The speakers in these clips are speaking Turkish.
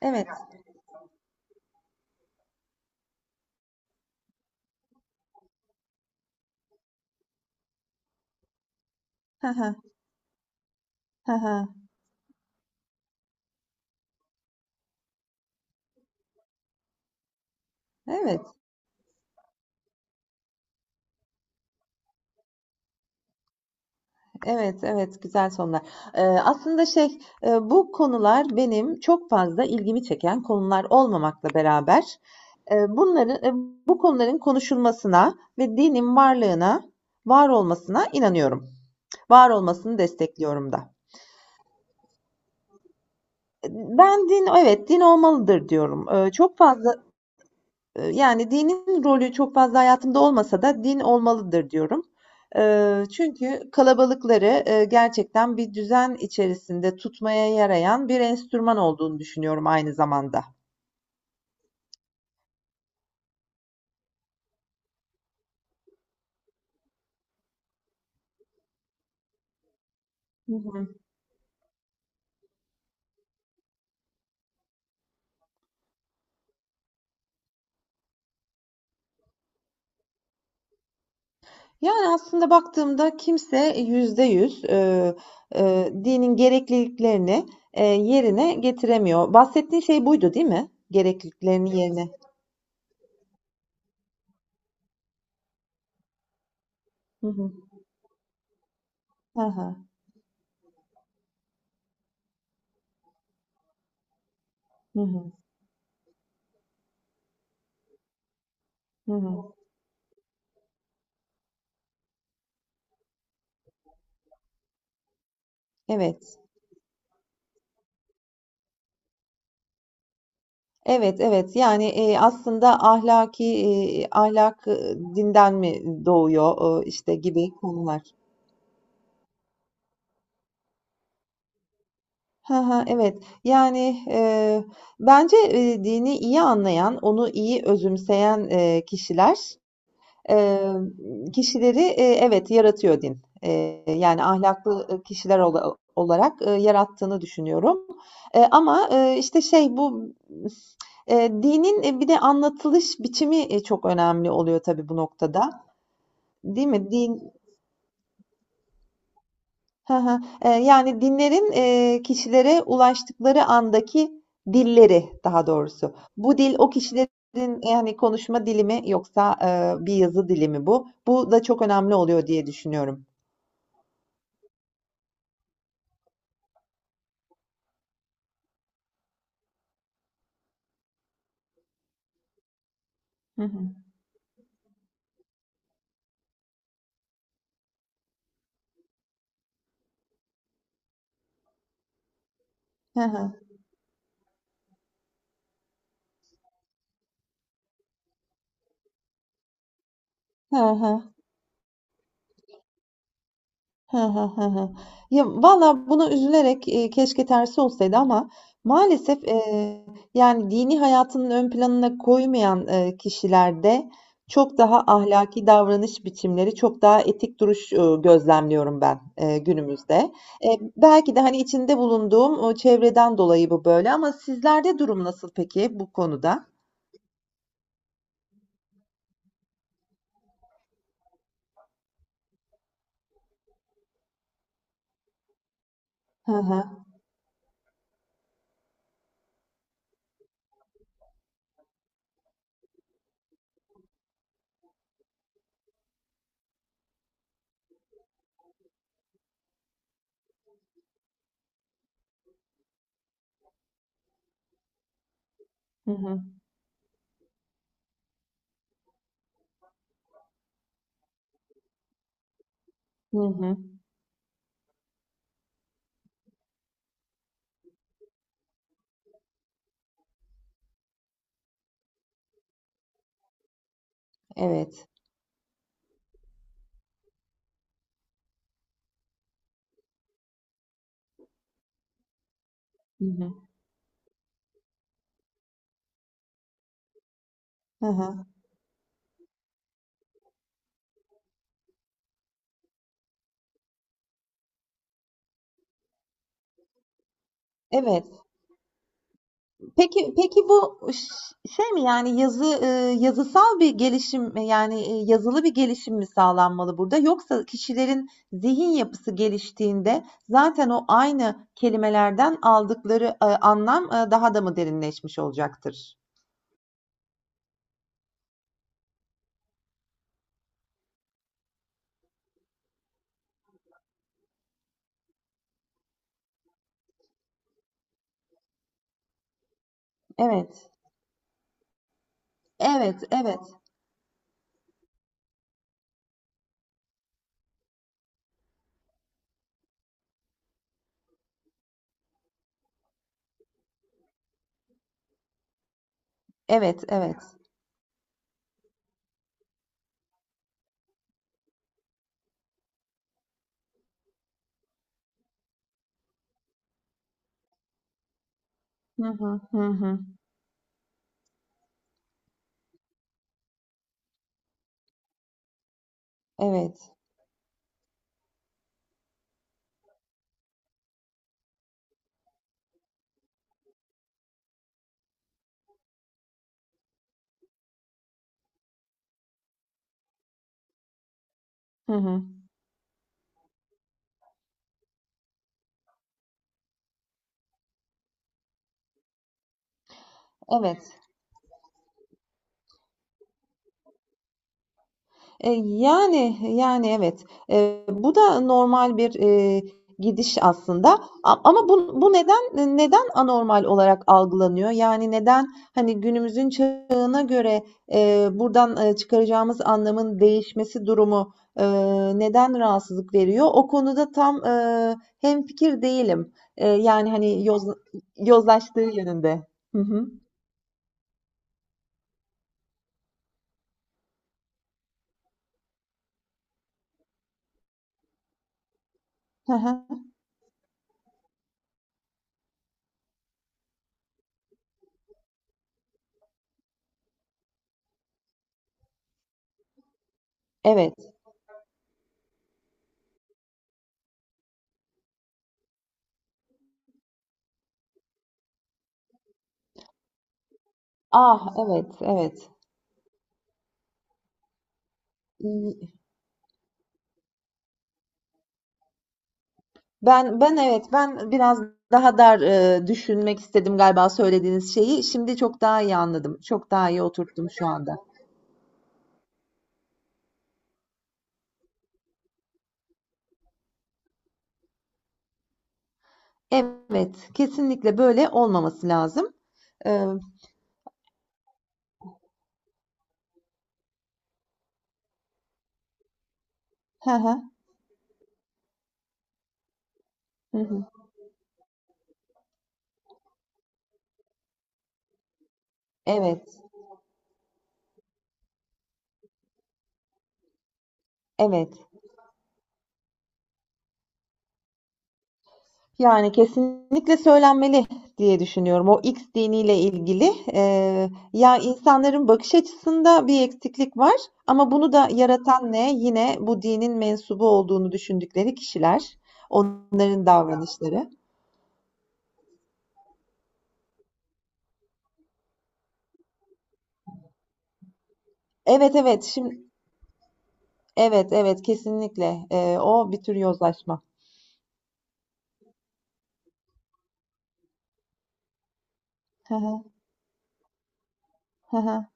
Evet. Hı hı. Hı hı. Evet, evet, evet. Güzel sonlar. Aslında bu konular benim çok fazla ilgimi çeken konular olmamakla beraber e, bunların, e, bu konuların konuşulmasına ve dinin varlığına, var olmasına inanıyorum. Var olmasını destekliyorum da. E, Ben evet, din olmalıdır diyorum. E, çok fazla Yani dinin rolü çok fazla hayatımda olmasa da din olmalıdır diyorum. Çünkü kalabalıkları, gerçekten bir düzen içerisinde tutmaya yarayan bir enstrüman olduğunu düşünüyorum aynı zamanda. Hı hı. Yani aslında baktığımda kimse %100, dinin gerekliliklerini, yerine getiremiyor. Bahsettiğin şey buydu, değil mi? Gerekliliklerini yerine. Hı hı. Hı. Hı hı. Hı hı. Evet. Evet, evet. Yani, aslında ahlak, dinden mi doğuyor, işte, gibi konular. Hı hı, evet. Yani, bence, dini iyi anlayan, onu iyi özümseyen, kişiler. Eee, kişileri, evet, yaratıyor din. Yani ahlaklı, kişiler olarak, yarattığını düşünüyorum. Ama dinin bir de anlatılış biçimi, çok önemli oluyor tabii bu noktada, değil mi? Din Hı, yani dinlerin kişilere ulaştıkları andaki dilleri daha doğrusu. Bu dil o kişilerin, yani, konuşma dili mi yoksa bir yazı dili mi bu? Bu da çok önemli oluyor diye düşünüyorum. Hı hı. Hı hı. Hı hı. Hı hı, hı hı. Valla buna üzülerek, keşke tersi olsaydı ama maalesef, yani, dini hayatının ön planına koymayan, kişilerde çok daha ahlaki davranış biçimleri, çok daha etik duruş, gözlemliyorum ben, günümüzde. Belki de, hani, içinde bulunduğum o çevreden dolayı bu böyle ama sizlerde durum nasıl peki bu konuda? Hı hı. Hı hı. Hı hı. Evet. Hı hı. Hı hı. Evet. Peki peki bu şey mi, yani, yazısal bir gelişim, yani, yazılı bir gelişim mi sağlanmalı burada yoksa kişilerin zihin yapısı geliştiğinde zaten o aynı kelimelerden aldıkları, anlam, daha da mı derinleşmiş olacaktır? Evet. Evet, evet. Evet, evet. Hı hı. Hı hı. Evet. Hı hı. Evet. Yani, evet. Bu da normal bir gidiş aslında, ama bu neden neden anormal olarak algılanıyor? Yani neden, hani, günümüzün çağına göre, buradan çıkaracağımız anlamın değişmesi durumu, eee, neden rahatsızlık veriyor? O konuda tam, hemfikir değilim. Yani, hani, yozlaştığı yönünde. Hı hı. Hı hı. Evet. Ah, evet, evet. Ben evet, ben biraz daha dar, düşünmek istedim galiba söylediğiniz şeyi. Şimdi çok daha iyi anladım. Çok daha iyi oturttum şu anda. Evet, kesinlikle böyle olmaması lazım. Eee, hı hı, hı hı. Evet, evet. Yani kesinlikle söylenmeli diye düşünüyorum. O X diniyle ilgili ya insanların bakış açısında bir eksiklik var ama bunu da yaratan ne? Yine bu dinin mensubu olduğunu düşündükleri kişiler, onların davranışları. Evet, evet, şimdi evet, evet, kesinlikle. O bir tür yozlaşma. Hı hı, hı hı.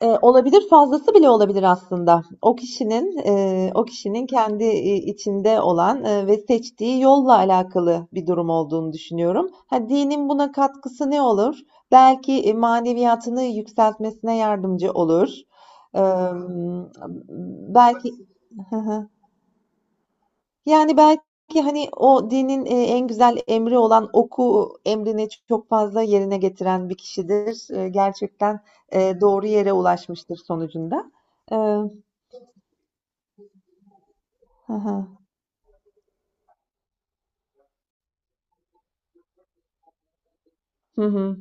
Olabilir, fazlası bile olabilir aslında. O kişinin kendi içinde olan ve seçtiği yolla alakalı bir durum olduğunu düşünüyorum. Ha, dinin buna katkısı ne olur? Belki maneviyatını yükseltmesine yardımcı olur. Ee, belki Yani, belki, hani, o dinin en güzel emri olan oku emrini çok fazla yerine getiren bir kişidir. Gerçekten, doğru yere ulaşmıştır sonucunda. Eee. Hı hı. Hı hı.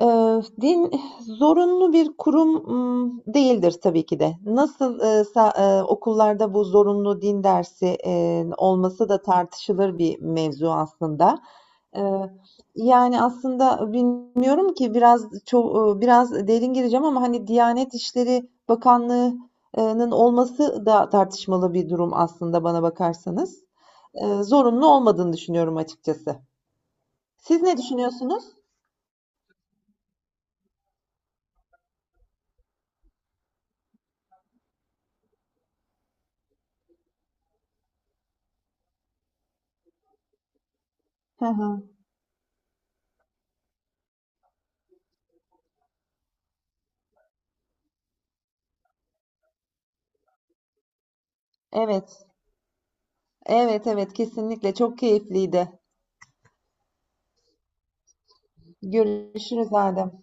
Din zorunlu bir kurum, değildir tabii ki de. Nasıl, sa okullarda bu zorunlu din dersi, olması da tartışılır bir mevzu aslında. Eee, yani, aslında bilmiyorum ki biraz derin gireceğim ama, hani, Diyanet İşleri bakanlığının olması da tartışmalı bir durum aslında bana bakarsanız. Zorunlu olmadığını düşünüyorum açıkçası. Siz ne düşünüyorsunuz? Hı hı. Evet. Evet, evet, kesinlikle çok keyifliydi. Görüşürüz Adem.